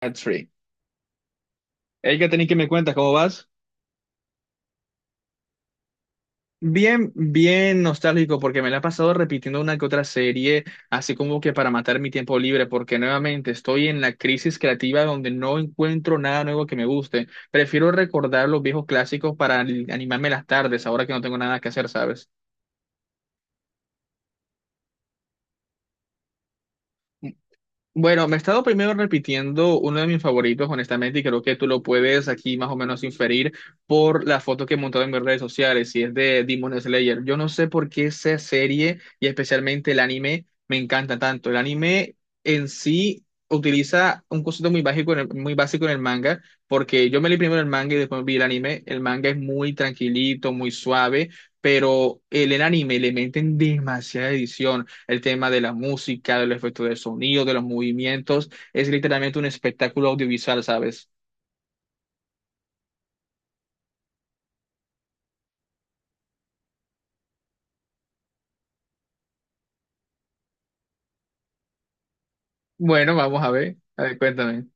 That's free. Hay que tener que me cuentas cómo vas. Bien, bien nostálgico porque me la he pasado repitiendo una que otra serie, así como que para matar mi tiempo libre, porque nuevamente estoy en la crisis creativa donde no encuentro nada nuevo que me guste. Prefiero recordar los viejos clásicos para animarme las tardes, ahora que no tengo nada que hacer, ¿sabes? Bueno, me he estado primero repitiendo uno de mis favoritos, honestamente, y creo que tú lo puedes aquí más o menos inferir por la foto que he montado en mis redes sociales, y es de Demon Slayer. Yo no sé por qué esa serie y especialmente el anime me encanta tanto. El anime en sí utiliza un concepto muy básico en el manga, porque yo me leí primero el manga y después vi el anime. El manga es muy tranquilito, muy suave, pero en el anime le meten demasiada edición el tema de la música, del efecto del sonido, de los movimientos. Es literalmente un espectáculo audiovisual, ¿sabes? Bueno, vamos a ver. A ver, cuéntame.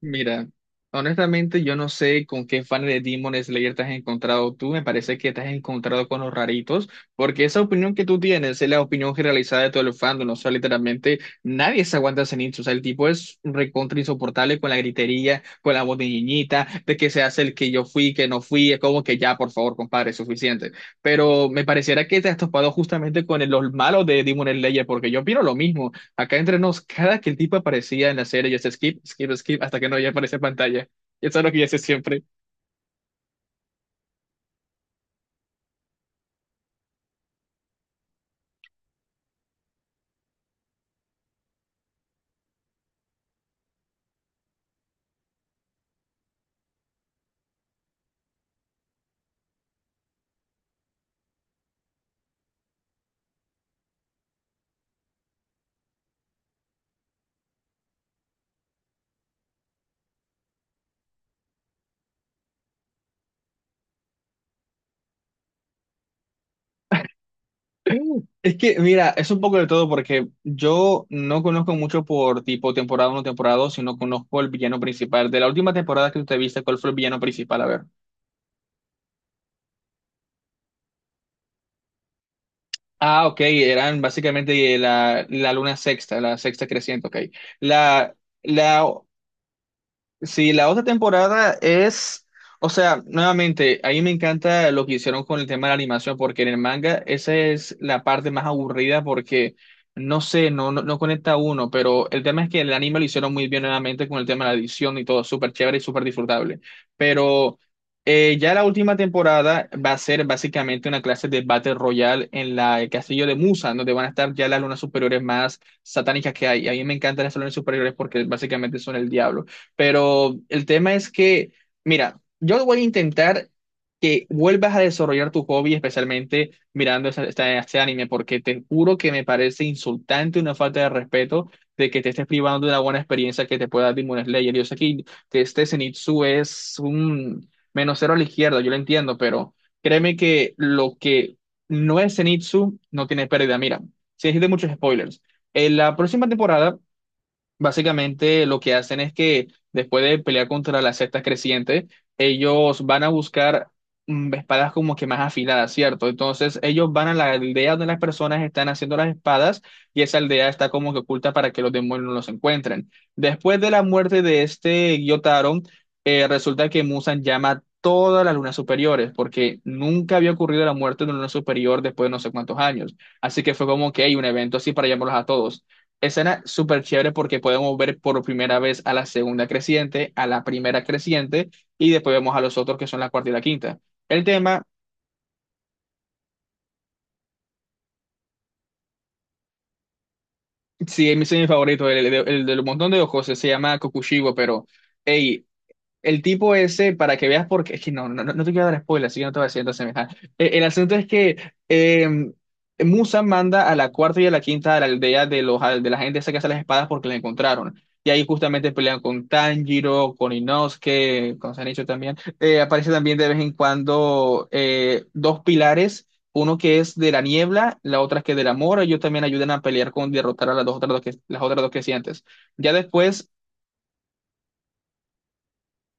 Mira, honestamente yo no sé con qué fan de Demon Slayer te has encontrado tú, me parece que te has encontrado con los raritos, porque esa opinión que tú tienes es la opinión generalizada de todo el fandom, o sea, literalmente nadie se aguanta ese nicho, o sea, el tipo es recontra insoportable con la gritería, con la voz de niñita, de que se hace el que yo fui, que no fui, es como que ya, por favor, compadre, es suficiente. Pero me pareciera que te has topado justamente con los malos de Demon Slayer, porque yo opino lo mismo. Acá entre nos, cada que el tipo aparecía en la serie, yo hacía skip, skip, skip, hasta que no ya aparece en pantalla. Y eso es lo que yo hice siempre. Es que, mira, es un poco de todo porque yo no conozco mucho por tipo temporada uno temporada 2 sino conozco el villano principal. De la última temporada que tú te viste, ¿cuál fue el villano principal? A ver. Ah, ok, eran básicamente la luna sexta, la sexta creciente, ok. La, la Sí, la otra temporada es, o sea, nuevamente, ahí me encanta lo que hicieron con el tema de la animación, porque en el manga esa es la parte más aburrida porque, no sé, no conecta uno, pero el tema es que el anime lo hicieron muy bien nuevamente con el tema de la edición y todo, súper chévere y súper disfrutable. Pero ya la última temporada va a ser básicamente una clase de Battle Royale en la, el castillo de Musa, donde van a estar ya las lunas superiores más satánicas que hay. A mí me encantan las lunas superiores porque básicamente son el diablo. Pero el tema es que, mira, yo voy a intentar que vuelvas a desarrollar tu hobby, especialmente mirando este anime, porque te juro que me parece insultante, una falta de respeto, de que te estés privando de una buena experiencia que te pueda dar Demon Slayer. Yo sé que este Zenitsu es un menos cero a la izquierda, yo lo entiendo, pero créeme que lo que no es Zenitsu no tiene pérdida. Mira, sin decirte muchos spoilers. En la próxima temporada básicamente lo que hacen es que después de pelear contra las sectas crecientes, ellos van a buscar espadas como que más afiladas, ¿cierto? Entonces ellos van a la aldea donde las personas están haciendo las espadas y esa aldea está como que oculta para que los demonios no los encuentren. Después de la muerte de este Gyotaro, resulta que Musan llama a todas las lunas superiores porque nunca había ocurrido la muerte de una luna superior después de no sé cuántos años. Así que fue como que hay un evento así para llamarlos a todos. Escena súper chévere porque podemos ver por primera vez a la segunda creciente, a la primera creciente y después vemos a los otros que son la cuarta y la quinta. El tema, sí, mi es mi semi favorito, el del montón de ojos, se llama Kokushibo, pero, hey, el tipo ese, para que veas, porque es que no te quiero dar spoiler, así que no te voy a decir entonces. Ajá. El asunto es que eh, Musa manda a la cuarta y a la quinta a la aldea de la gente esa que hace las espadas porque la encontraron. Y ahí justamente pelean con Tanjiro, con Inosuke, con Shinichiro también. Aparece también de vez en cuando dos pilares, uno que es de la niebla, la otra que es del amor. Ellos también ayudan a pelear con derrotar a las dos otras dos las otras dos que sientes. Ya después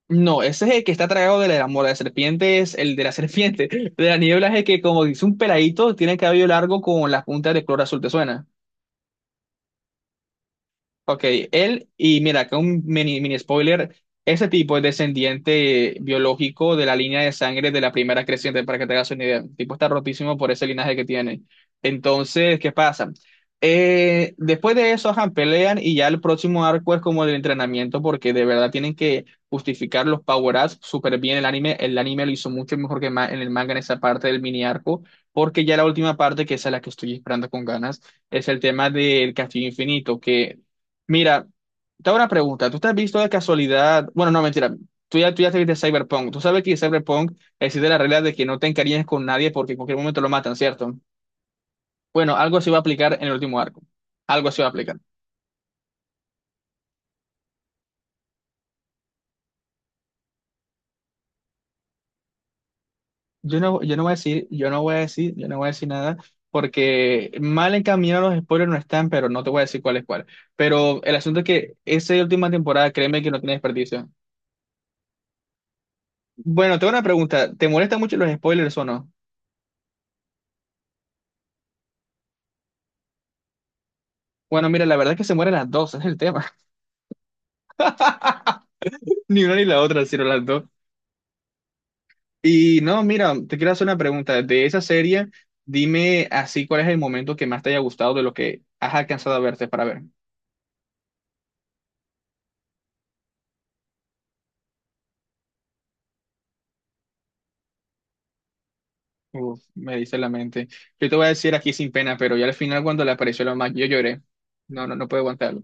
no, ese es el que está tragado de la mora de serpiente, es el de la serpiente. De la niebla es el que, como dice un peladito, tiene el cabello largo con las puntas de color azul, ¿te suena? Ok, él, y mira, acá un mini, mini spoiler, ese tipo es descendiente biológico de la línea de sangre de la primera creciente, para que te hagas una idea. El tipo está rotísimo por ese linaje que tiene. Entonces, ¿qué pasa? Después de eso, ajá, pelean y ya el próximo arco es como el entrenamiento, porque de verdad tienen que justificar los power-ups súper bien el anime. El anime lo hizo mucho mejor que en el manga en esa parte del mini arco, porque ya la última parte, que esa es la que estoy esperando con ganas es el tema del Castillo Infinito, que mira, te hago una pregunta. ¿Tú te has visto de casualidad? Bueno, no, mentira. Tú ya te viste Cyberpunk. Tú sabes que en Cyberpunk existe la regla de que no te encariñes con nadie porque en cualquier momento lo matan, ¿cierto? Bueno, algo se va a aplicar en el último arco. Algo se va a aplicar. Yo no voy a decir, yo no voy a decir, yo no voy a decir nada porque mal encaminados los spoilers no están, pero no te voy a decir cuál es cuál. Pero el asunto es que esa última temporada, créeme que no tiene desperdicio. Bueno, te hago una pregunta. ¿Te molestan mucho los spoilers o no? Bueno, mira, la verdad es que se mueren las dos, es el tema. Ni una ni la otra, sino las dos. Y no, mira, te quiero hacer una pregunta. De esa serie, dime así cuál es el momento que más te haya gustado de lo que has alcanzado a verte para ver. Uf, me dice la mente. Yo te voy a decir aquí sin pena, pero ya al final cuando le apareció la mamá yo lloré. No, no puedo aguantarlo.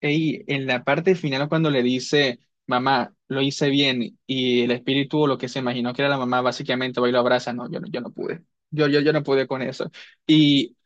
Y en la parte final cuando le dice, mamá, lo hice bien, y el espíritu o lo que se imaginó que era la mamá, básicamente va y lo abraza. No, yo no pude. Yo no pude con eso. y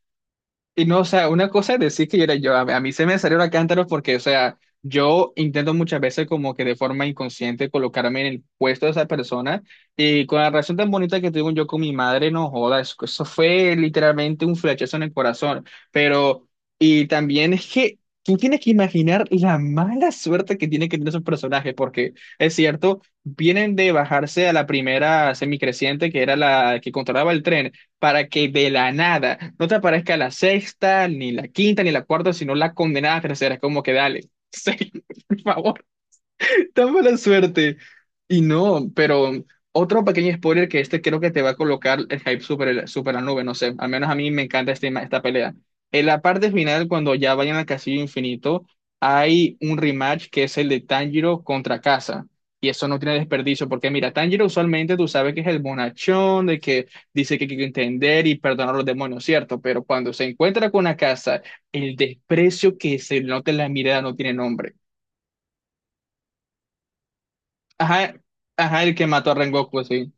Y no, o sea, una cosa es decir que yo era yo, a mí se me salió la cántaro porque, o sea, yo intento muchas veces como que de forma inconsciente colocarme en el puesto de esa persona y con la relación tan bonita que tuve yo con mi madre, no joda, eso fue literalmente un flechazo en el corazón, pero, y también es que tú tienes que imaginar la mala suerte que tiene que tener esos personajes, porque es cierto, vienen de bajarse a la primera semicreciente que era la que controlaba el tren para que de la nada no te aparezca la sexta, ni la quinta, ni la cuarta, sino la condenada tercera. Es como que dale, sí, por favor. Tan mala suerte. Y no, pero otro pequeño spoiler que este creo que te va a colocar el hype super, super a la nube, no sé. Al menos a mí me encanta esta pelea. En la parte final, cuando ya vayan al Castillo Infinito, hay un rematch que es el de Tanjiro contra Casa y eso no tiene desperdicio, porque mira, Tanjiro usualmente tú sabes que es el bonachón, de que dice que hay que entender y perdonar a los demonios, ¿cierto? Pero cuando se encuentra con Akasa, el desprecio que se nota en la mirada no tiene nombre. Ajá, ajá, el que mató a Rengoku, sí.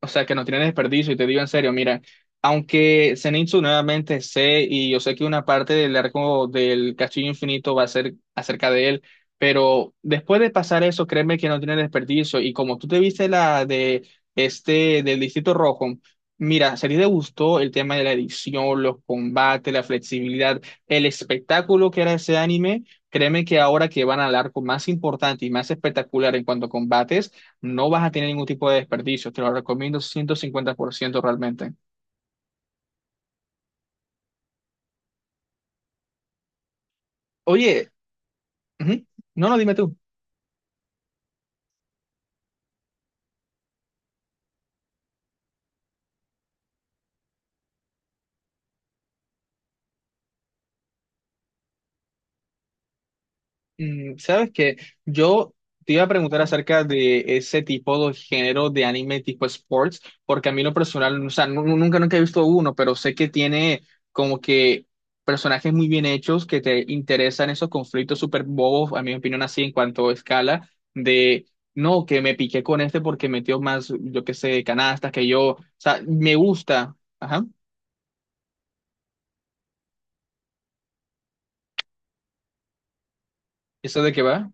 O sea, que no tiene desperdicio, y te digo en serio, mira, aunque Zenitsu nuevamente sé, y yo sé que una parte del arco del Castillo Infinito va a ser acerca de él, pero después de pasar eso, créeme que no tiene desperdicio, y como tú te viste la de del Distrito Rojo, mira, si a ti te gustó el tema de la edición, los combates, la flexibilidad, el espectáculo que era ese anime, créeme que ahora que van al arco más importante y más espectacular en cuanto a combates, no vas a tener ningún tipo de desperdicio, te lo recomiendo 150%, realmente. Oye, ujú, no, no, dime tú. Mm, sabes que yo te iba a preguntar acerca de ese tipo de género de anime tipo sports, porque a mí lo personal, o sea, nunca, nunca he visto uno, pero sé que tiene como que personajes muy bien hechos que te interesan esos conflictos súper bobos, a mi opinión, así en cuanto a escala, de no, que me piqué con este porque metió más, yo qué sé, canastas que yo. O sea, me gusta. Ajá. ¿Eso de qué va?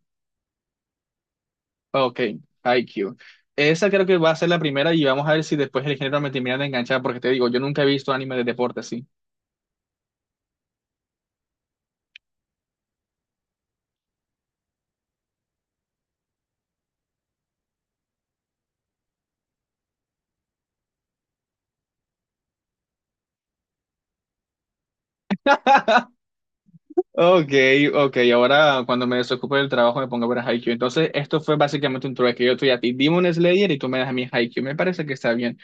Ok, IQ. Esa creo que va a ser la primera y vamos a ver si después el género me termina de enganchar, porque te digo, yo nunca he visto anime de deporte así. Ok, ok, ahora cuando me desocupe del trabajo me pongo a ver a Haikyuu. Entonces, esto fue básicamente un trueque. Yo estoy a ti Demon Slayer y tú me das a mí Haikyuu. Me parece que está bien.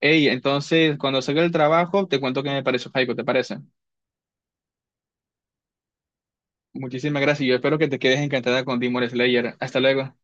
Hey, entonces, cuando salga del trabajo, te cuento qué me pareció Haiku, ¿te parece? Muchísimas gracias y yo espero que te quedes encantada con Demon Slayer. Hasta luego.